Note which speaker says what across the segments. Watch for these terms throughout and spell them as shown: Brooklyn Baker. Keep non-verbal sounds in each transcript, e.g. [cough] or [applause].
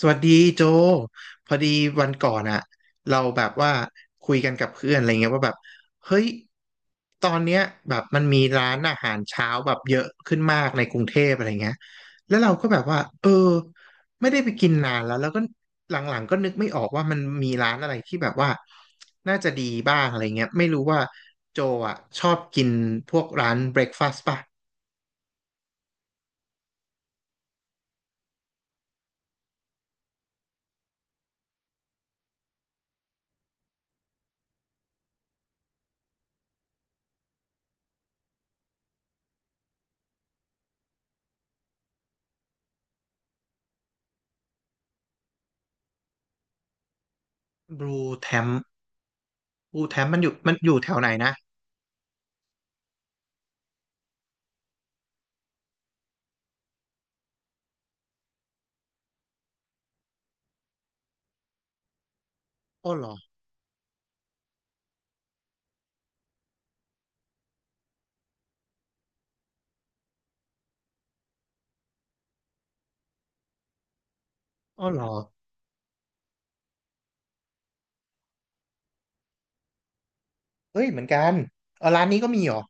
Speaker 1: สวัสดีโจพอดีวันก่อนอะเราแบบว่าคุยกันกับเพื่อนอะไรเงี้ยว่าแบบเฮ้ยตอนเนี้ยแบบมันมีร้านอาหารเช้าแบบเยอะขึ้นมากในกรุงเทพอะไรเงี้ยแล้วเราก็แบบว่าเออไม่ได้ไปกินนานแล้วแล้วก็หลังๆก็นึกไม่ออกว่ามันมีร้านอะไรที่แบบว่าน่าจะดีบ้างอะไรเงี้ยไม่รู้ว่าโจอะชอบกินพวกร้านเบรคฟาสต์ป่ะบลูแทมบลูแทมมันอยู่มันอยู่แถวไหนนะอ้อเหรออ้อเหรอ เฮ้ยเหมือนกันเออร้านนี้ก็มีเหรอ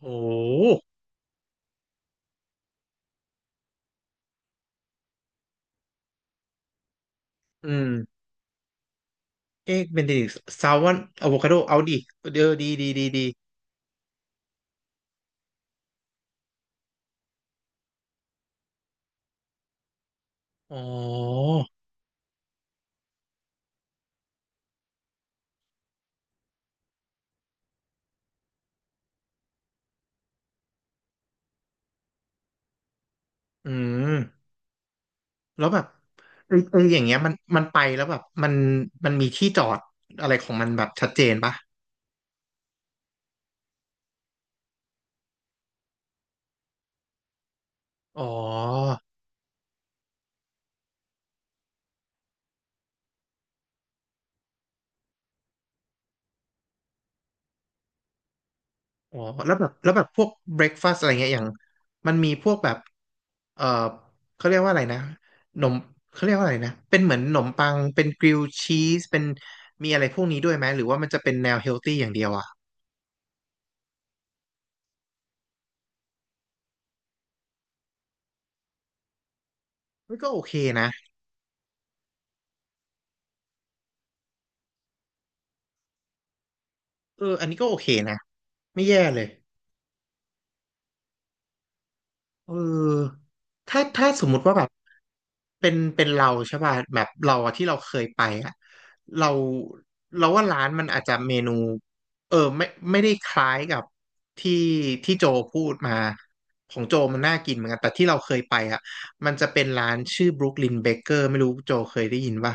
Speaker 1: โอ้โหอืม เอ๊ะเบนเดดิกต์ซาวน์อะโวคาโดดีดีดีดีอ๋ออืม แล้วแบบเออเอออย่างเงี้ยมันไปแล้วแบบมันมีที่จอดอะไรของมันแบบชัดเจนปะอ๋อ อ๋อแล้วแบบพวกเบรคฟาสต์อะไรเงี้ยอย่างมันมีพวกแบบเออเขาเรียกว่าอะไรนะหนมเขาเรียกว่าอะไรนะเป็นเหมือนหนมปังเป็นกริลชีสเป็นมีอะไรพวกนี้ด้วยไหมหรือว่ามันจะเป็นแนวเฮลตี้อย่างเดียวอ่ะมันก็โอเคนะเอออันนี้ก็โอเคนะไม่แย่เลย เออถ้าสมมุติว่าแบบเป็นเราใช่ป่ะแบบเราอะที่เราเคยไปอะเราเราว่าร้านมันอาจจะเมนูเออไม่ไม่ได้คล้ายกับที่ที่โจพูดมาของโจมันน่ากินเหมือนกันแต่ที่เราเคยไปอะมันจะเป็นร้านชื่อ Brooklyn Baker ไม่รู้โจเคยได้ยินป่ะ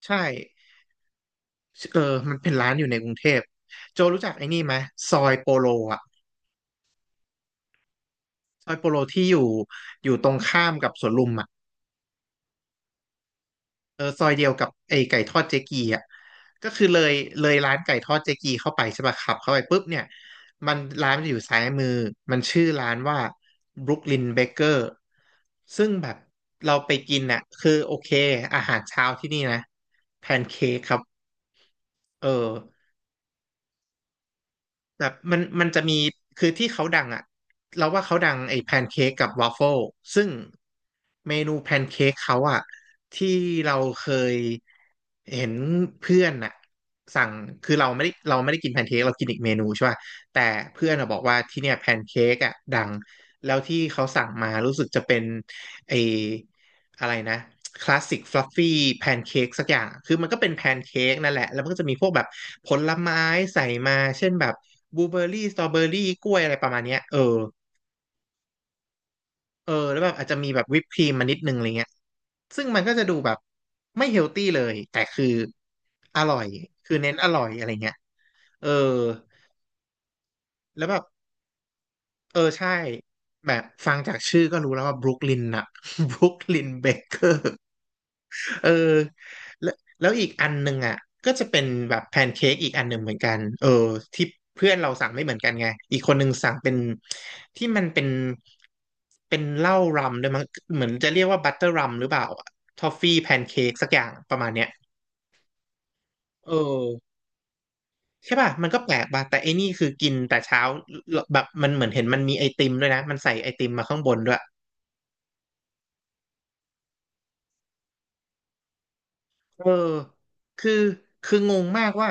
Speaker 1: ใช่เออมันเป็นร้านอยู่ในกรุงเทพโจรู้จักไอ้นี่ไหมซอยโปโลอะซอยโปโลที่อยู่อยู่ตรงข้ามกับสวนลุมอะ ไอ้ไก่ทอดเจ๊กีอ่ะก็คือเลยเลยร้านไก่ทอดเจ๊กีเข้าไปใช่ป่ะขับเข้าไปปุ๊บเนี่ยร้านมันจะอยู่ซ้ายมือมันชื่อร้านว่า Brooklyn Baker ซึ่งแบบเราไปกินน่ะคือโอเคอาหารเช้าที่นี่นะแพนเค้กครับเออ แบบมันจะมีคือที่เขาดังอะเราว่าเขาดังไอ้แพนเค้กกับวาฟเฟิลซึ่งเมนูแพนเค้กเขาอะที่เราเคยเห็นเพื่อนอะสั่งคือเราไม่ได้กินแพนเค้กเรากินอีกเมนูใช่ป่ะแต่เพื่อนอะบอกว่าที่เนี่ยแพนเค้กอะดังแล้วที่เขาสั่งมารู้สึกจะเป็นไอ้ อะไรนะคลาสสิกฟลัฟฟี่แพนเค้กสักอย่างคือมันก็เป็นแพนเค้กนั่นแหละแล้วมันก็จะมีพวกแบบผลไม้ใส่มาเช่นแบบบลูเบอร์รี่สตรอเบอร์รี่กล้วยอะไรประมาณเนี้ยเออเออแล้วแบบอาจจะมีแบบวิปครีมมานิดนึงอะไรเงี้ยซึ่งมันก็จะดูแบบไม่เฮลตี้เลยแต่คืออร่อยคือเน้นอร่อยอะไรเงี้ยเออแล้วแบบเออใช่แบบฟังจากชื่อก็รู้แล้วว่าบรุกลินน่ะ [laughs] บรุกลินเบเกอร์ เออแล้วแล้วอีกอันหนึ่งอ่ะก็จะเป็นแบบแพนเค้กอีกอันหนึ่งเหมือนกันเออที่เพื่อนเราสั่งไม่เหมือนกันไงอีกคนหนึ่งสั่งเป็นที่มันเป็นเป็นเหล้ารัมด้วยมั้งเหมือนจะเรียกว่าบัตเตอร์รัมหรือเปล่าทอฟฟี่แพนเค้กสักอย่างประมาณเนี้ยเออใช่ป่ะมันก็แปลกป่ะแต่ไอ้นี่คือกินแต่เช้าแบบมันเหมือนเห็นมันมีไอติมด้วยนะมันใส่ไอติมมาข้างบนด้วย เออคือคืองงมากว่า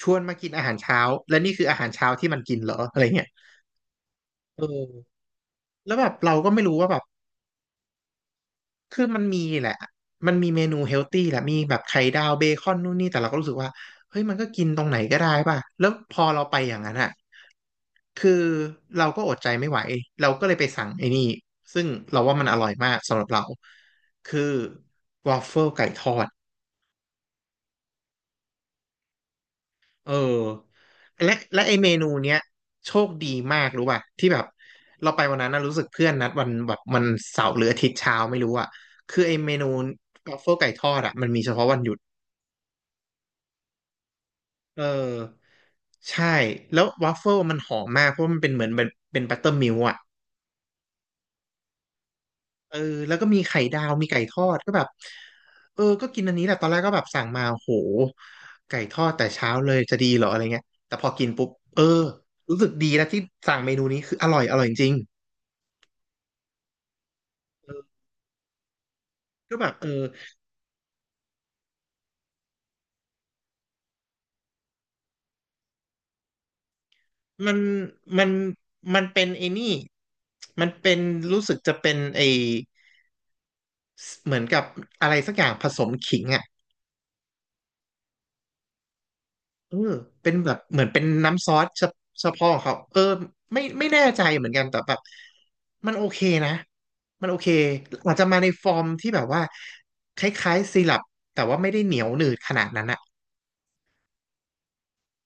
Speaker 1: ชวนมากินอาหารเช้าและนี่คืออาหารเช้าที่มันกินเหรออะไรเงี้ยเออแล้วแบบเราก็ไม่รู้ว่าแบบคือมันมีแหละมันมีเมนูเฮลตี้แหละมีแบบไข่ดาวเบคอนนู่นนี่แต่เราก็รู้สึกว่าเฮ้ยมันก็กินตรงไหนก็ได้ป่ะแล้วพอเราไปอย่างนั้นอ่ะคือเราก็อดใจไม่ไหวเราก็เลยไปสั่งไอ้นี่ซึ่งเราว่ามันอร่อยมากสำหรับเราคือวอฟเฟิลไก่ทอด เออและไอเมนูเนี้ยโชคดีมากรู้ป่ะที่แบบเราไปวันนั้นนะรู้สึกเพื่อนนัดวันแบบมันเสาร์หรืออาทิตย์เช้าไม่รู้อ่ะคือไอเมนูวัฟเฟิลไก่ทอดอ่ะมันมีเฉพาะวันหยุดเออใช่แล้ววัฟเฟิลมันหอมมากเพราะมันเป็นเหมือนเป็นบัตเตอร์มิลอ่ะเออแล้วก็มีไข่ดาวมีไก่ทอดก็แบบเออก็กินอันนี้แหละตอนแรกก็แบบสั่งมาโหไก่ทอดแต่เช้าเลยจะดีเหรออะไรเงี้ยแต่พอกินปุ๊บเออรู้สึกดีแล้วที่สั่งเมนูนี้คืออร่อยอร่อยจริง เออก็แบบมันมันมันเป็นไอ้นี่มันเป็นรู้สึกจะเป็นไอเหมือนกับอะไรสักอย่างผสมขิงอ่ะเออเป็นแบบเหมือนเป็นน้ำซอสเฉเฉพาะของเขาเออไม่แน่ใจเหมือนกันแต่แบบมันโอเคนะมันโอเคอาจจะมาในฟอร์มที่แบบว่าคล้ายๆซีรัปแต่ว่าไม่ได้เหนียวหนืดขนาดนั้นอ่ะ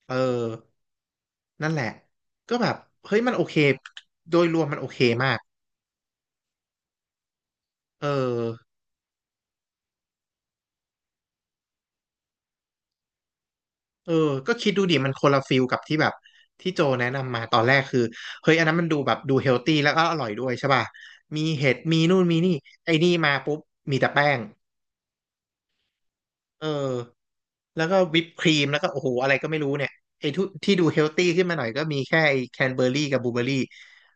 Speaker 1: เออนั่นแหละก็แบบเฮ้ยมันโอเคโดยรวมมันโอเคมากเออ เออก็คิดดูดิมันคนละฟิลกับที่แบบที่โจแนะนำมาตอนแรกคือเฮ้ยอันนั้นมันดูแบบดูเฮลตี้แล้วก็อร่อยด้วยใช่ป่ะมีเห็ดมีนู่นมีนี่ไอ้นี่มาปุ๊บมีแต่แป้งเออแล้วก็วิปครีมแล้วก็โอ้โหอะไรก็ไม่รู้เนี่ยไอ้ทุที่ดูเฮลตี้ขึ้นมาหน่อยก็มีแค่ไอ้แคนเบอร์รี่กับบลูเบอร์รี่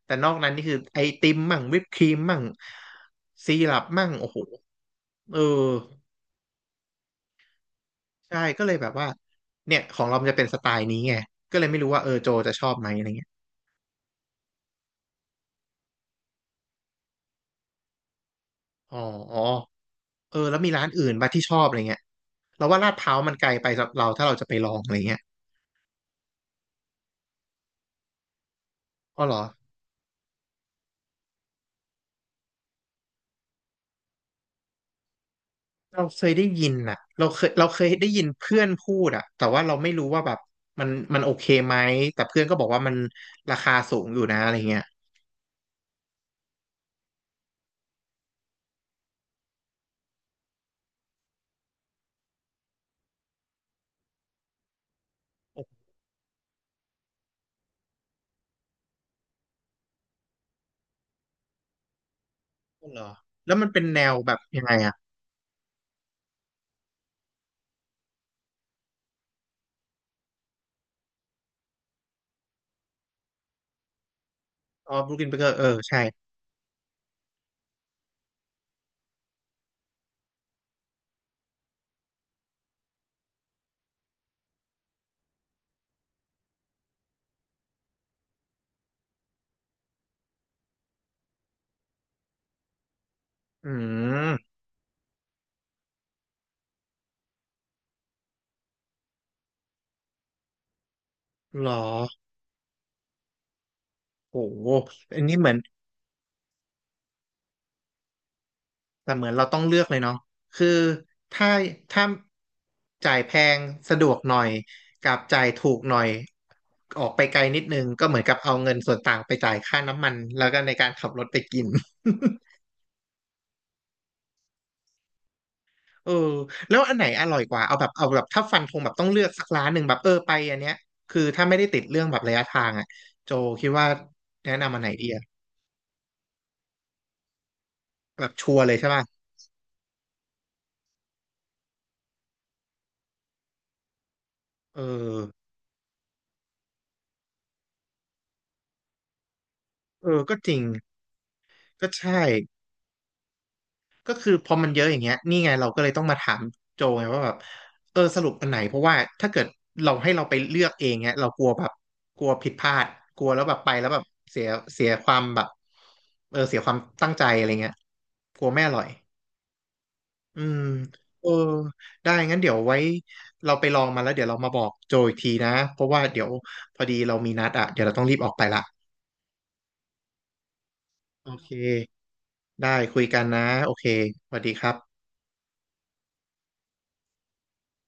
Speaker 1: แต่นอกนั้นนี่คือไอติมมั่งวิปครีมมั่งซีรัปมั่งโอ้โหเออใช่ก็เลยแบบว่าเนี่ยของเรามันจะเป็นสไตล์นี้ไงก็เลยไม่รู้ว่าเออโจจะชอบไหมอะไรเงี้ย อ๋อเออแล้วมีร้านอื่นบ้างที่ชอบอะไรเงี้ยเราว่าลาดพร้าวมันไกลไปสำหรับเราถ้าเราจะไปลองอะไรเงี้ยอ๋อเหรอเราเคยได้ยินน่ะเราเคยเราเคยได้ยินเพื่อนพูดอะแต่ว่าเราไม่รู้ว่าแบบมันมันโอเคไหม แต่เพื่อนก็บอกว่ามันราคาสูงอยู่นะอะไรเงี้ยอ๋อเหรอแล้วมันเป็นแนวแบบยังไงอะอ๋อบรูคลินเบเกอร์เออใช่อืมเหรอโหอันนี้เหมือน แต่เหมือนเราต้องเลือกเลยเนาะคือถ้าถ้าจ่ายแพงสะดวกหน่อยกับจ่ายถูกหน่อยออกไปไกลนิดนึงก็เหมือนกับเอาเงินส่วนต่างไปจ่ายค่าน้ำมันแล้วก็ในการขับรถไปกิน [laughs] เออแล้วอันไหนอร่อยกว่าเอาแบบเอาแบบถ้าฟันธงแบบต้องเลือกสักร้านหนึ่งแบบเออไปอันเนี้ยคือถ้าไม่ได้ติดเรื่องแบบระยะทางอ่ะโจคิดว่าแนะนำอันไหนดีอะแบบชัวร์เลยใช่ป่ะเออเออก็จริงก็ใช่ ก็คือพอมันเยอะอย่างเงี้ยนี่ไงเราก็เลยต้องมาถามโจไงว่าแบบเออสรุปอันไหนเพราะว่าถ้าเกิดเราให้เราไปเลือกเองเงี้ยเรากลัวแบบกลัวผิดพลาดกลัวแล้วแบบไปแล้วแบบเสียเสียความแบบเออเสียความตั้งใจอะไรเงี้ยกลัวไม่อร่อยอืมเออได้งั้นเดี๋ยวไว้เราไปลองมาแล้วเดี๋ยวเรามาบอกโจอีกทีนะเพราะว่าเดี๋ยวพอดีเรามีนัดอ่ะเดี๋ยวเราต้องรีบออกไปละโอเคได้คุยกันนะโอเคสวัสดีครับ